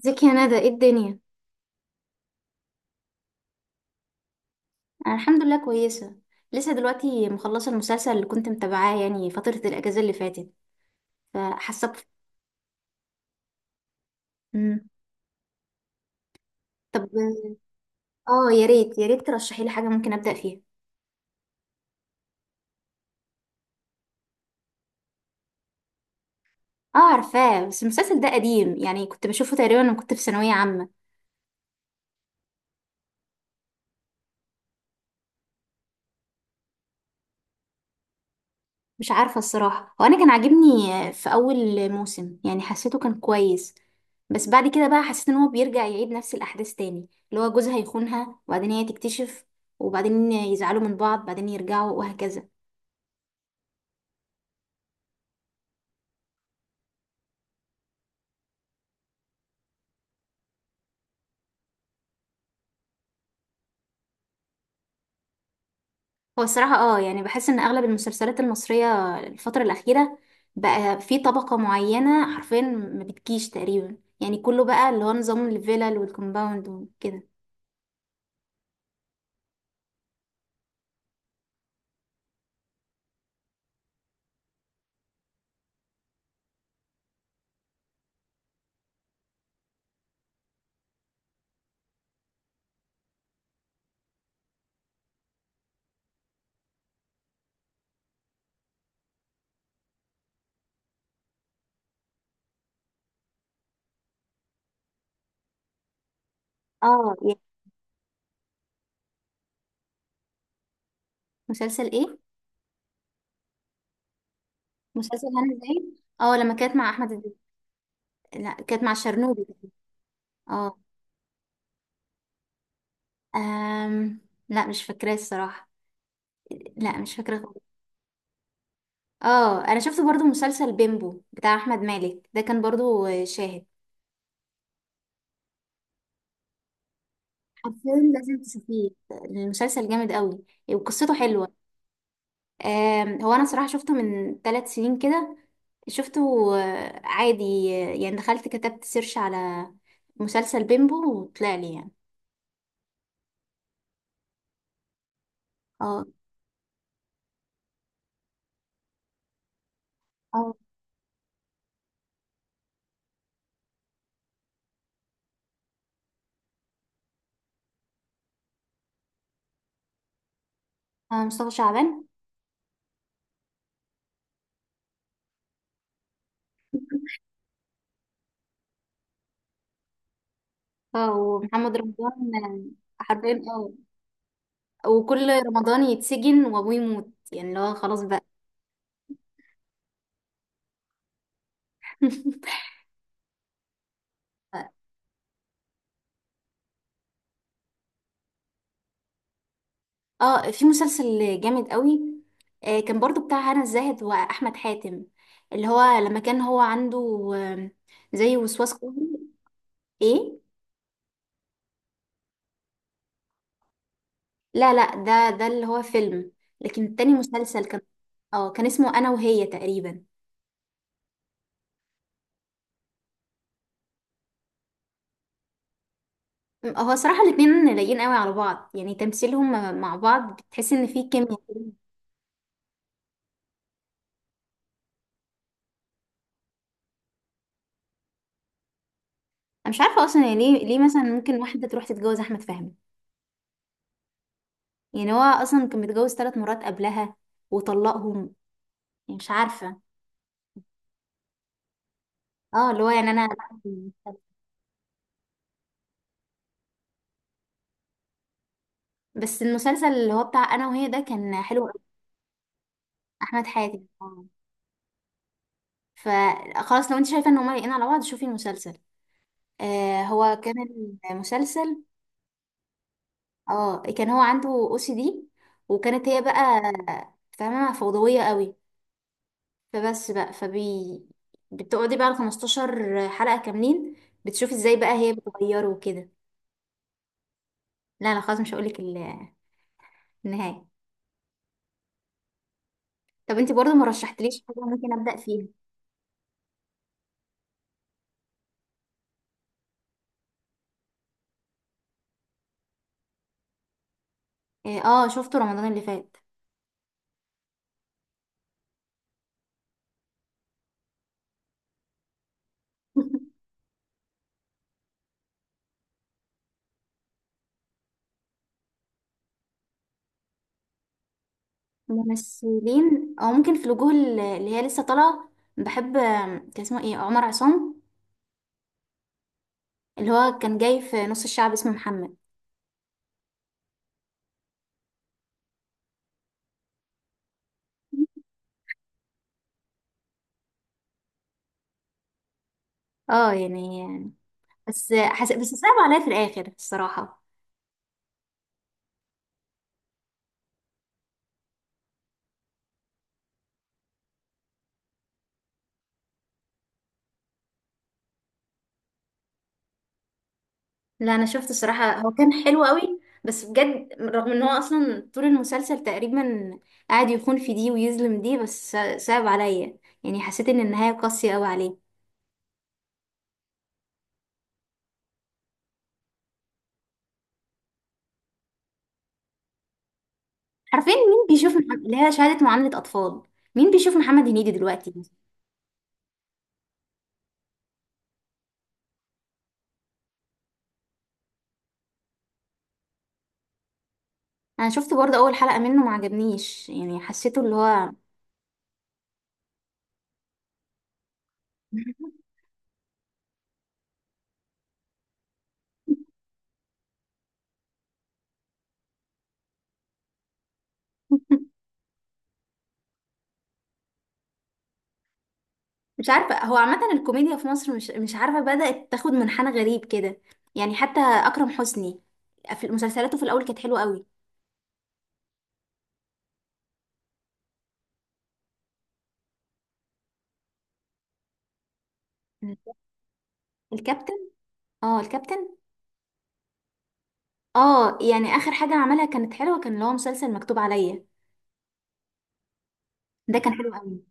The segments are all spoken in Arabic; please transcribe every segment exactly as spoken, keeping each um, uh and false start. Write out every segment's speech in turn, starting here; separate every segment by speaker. Speaker 1: ازيك يا ندى، ايه الدنيا؟ انا الحمد لله كويسه. لسه دلوقتي مخلصه المسلسل اللي كنت متابعاه يعني فتره الاجازه اللي فاتت، فحاسه بف- مم. طب اه، يا ريت يا ريت ترشحي لي حاجه ممكن ابدا فيها. اه عارفاه، بس المسلسل ده قديم يعني كنت بشوفه تقريبا وانا كنت في ثانويه عامه. مش عارفه الصراحه، هو انا كان عاجبني في اول موسم يعني حسيته كان كويس، بس بعد كده بقى حسيت ان هو بيرجع يعيد نفس الاحداث تاني، اللي هو جوزها يخونها وبعدين هي تكتشف، وبعدين يزعلوا من بعض بعدين يرجعوا وهكذا. هو الصراحة اه يعني بحس ان اغلب المسلسلات المصرية الفترة الأخيرة بقى في طبقة معينة حرفيا ما بتجيش تقريبا، يعني كله بقى اللي هو نظام الفيلل والكومباوند وكده. اه يعني مسلسل ايه؟ مسلسل هنا ازاي؟ اه لما كانت مع احمد الد- لا، كانت مع الشرنوبي تقريباً. اه. أم... لا مش فاكراه الصراحة، لا مش فاكرة خالص. اه انا شفت برضو مسلسل بيمبو بتاع احمد مالك ده، كان برضو شاهد. حرفيا لازم تشوفيه، المسلسل جامد قوي وقصته حلوة. آم، هو انا صراحة شفته من ثلاث سنين كده، شفته. آه، عادي. آه، يعني دخلت كتبت سيرش على مسلسل بيمبو وطلع لي يعني. اه. اه. آه، مصطفى شعبان. اه ومحمد رمضان. آه، حرفيا. اه، وكل رمضان يتسجن وابوه يموت، يعني اللي هو خلاص بقى. اه في مسلسل جامد قوي. آه، كان برضو بتاع هنا الزاهد واحمد حاتم، اللي هو لما كان هو عنده آه، زي وسواس قهري. ايه. لا لا، ده ده اللي هو فيلم، لكن التاني مسلسل كان. اه كان اسمه انا وهي تقريبا. م- هو صراحة الاتنين لايقين قوي على بعض، يعني تمثيلهم مع بعض بتحس ان في كيمياء كده. انا مش عارفة اصلا يعني ليه، ليه مثلا ممكن واحدة تروح تتجوز احمد فهمي. يعني هو اصلا كان متجوز ثلاث مرات قبلها وطلقهم، يعني مش عارفة. اه، اللي هو يعني انا. بس المسلسل اللي هو بتاع انا وهي ده كان حلو قوي. احمد حاتم، اه. فخلاص، لو انت شايفة ان هما لايقين على بعض شوفي المسلسل. آه هو كان المسلسل. اه كان هو عنده او سي دي، وكانت هي بقى فاهمة فوضوية قوي، فبس بقى فبي بتقعدي بقى ال خمسة عشر حلقة كاملين، بتشوفي ازاي بقى هي بتغيره وكده. لا لا خلاص، مش هقولك ال- النهاية. طب انتي برضو ما رشحتليش حاجة ممكن أبدأ فيها؟ اه. آه، شفته رمضان اللي فات. ممثلين او ممكن في الوجوه ال- اللي هي لسه طالعة. بحب آم، كان اسمه ايه، عمر عصام، اللي هو كان جاي في نص الشعب اسمه محمد. اه يعني. بس حس... بس صعب عليا في الاخر الصراحه. لا انا شفت الصراحه، هو كان حلو قوي، بس بجد رغم ان هو اصلا طول المسلسل تقريبا قاعد يخون في دي ويظلم دي، بس صعب عليا، يعني حسيت ان النهايه قاسيه قوي عليه. عارفين مين بيشوف مح... اللي هي شهاده معامله اطفال؟ مين بيشوف محمد هنيدي دلوقتي؟ انا شفت برضه اول حلقه منه ما عجبنيش، يعني حسيته اللي هو. مش عارفة، هو عامة الكوميديا في مصر مش مش عارفة بدأت تاخد منحنى غريب كده. يعني حتى أكرم حسني في مسلسلاته في الأول كانت حلوة قوي. الكابتن. اه الكابتن. اه يعني آخر حاجة عملها كانت حلوة، كان اللي هو مسلسل مكتوب عليا، ده كان حلو قوي.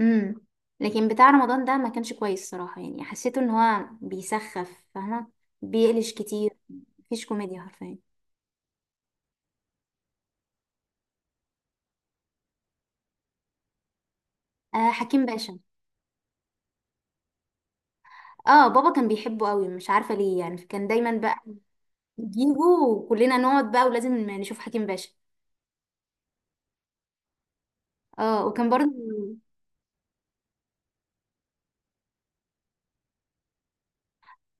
Speaker 1: امم. لكن بتاع رمضان ده ما كانش كويس صراحة، يعني حسيته ان هو بيسخف، فاهمة، بيقلش كتير. مفيش كوميديا حرفيا. آه حكيم باشا. اه بابا كان بيحبه قوي، مش عارفة ليه، يعني كان دايما بقى نجيبه وكلنا نقعد بقى، ولازم نشوف حكيم باشا. اه وكان برضه.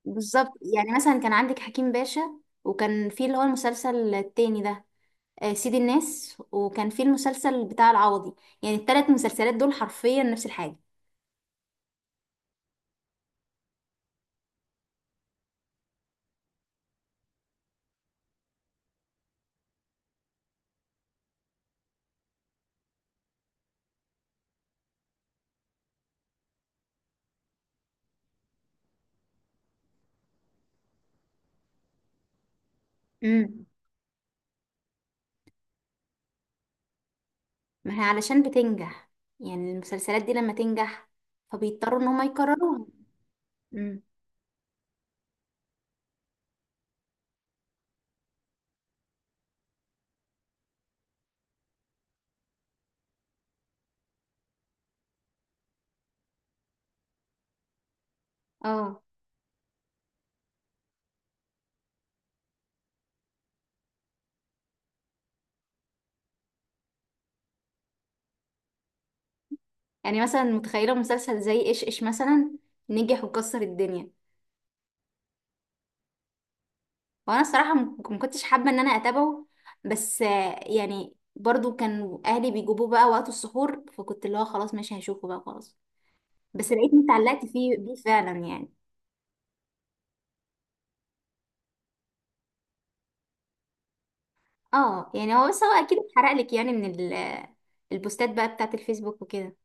Speaker 1: بالظبط، يعني مثلا كان عندك حكيم باشا، وكان في اللي هو المسلسل التاني ده، آه، سيد الناس، وكان في المسلسل بتاع العوضي. يعني التلات مسلسلات دول حرفيا نفس الحاجة. امم. ما هي علشان بتنجح، يعني المسلسلات دي لما تنجح فبيضطروا ان هما يكرروها. امم. اه يعني مثلا، متخيلة مسلسل زي ايش ايش مثلا نجح وكسر الدنيا. وانا الصراحه م- ما كنتش حابه ان انا اتابعه، بس آه، يعني برضو كان اهلي بيجيبوه بقى وقت السحور، فكنت اللي هو خلاص ماشي هشوفه بقى خلاص. بس لقيت اتعلقت فيه بيه فعلا يعني. اه يعني، هو بس هو اكيد اتحرق لك يعني من ال- البوستات بقى بتاعت الفيسبوك وكده.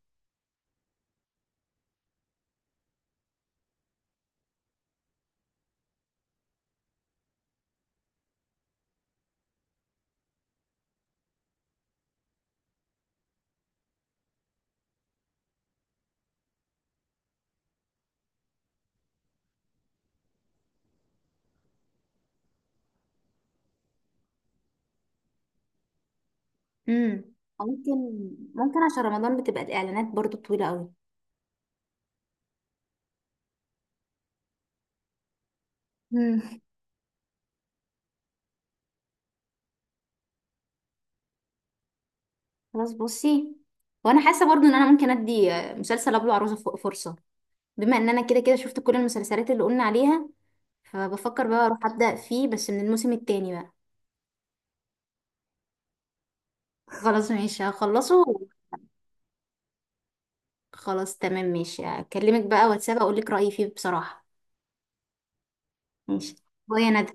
Speaker 1: امم. ممكن، ممكن عشان رمضان بتبقى الاعلانات برضو طويله قوي. امم. خلاص بصي، وانا حاسه برضو ان انا ممكن ادي آه، مسلسل ابو العروسه ف- فرصه، بما ان انا كده كده شفت كل المسلسلات اللي قلنا عليها، فبفكر بقى اروح ابدا فيه بس من الموسم التاني بقى. خلاص ماشي هخلصه. خلاص تمام، ماشي، اكلمك بقى واتساب اقول لك رايي فيه بصراحه. ماشي. باي يا ندى.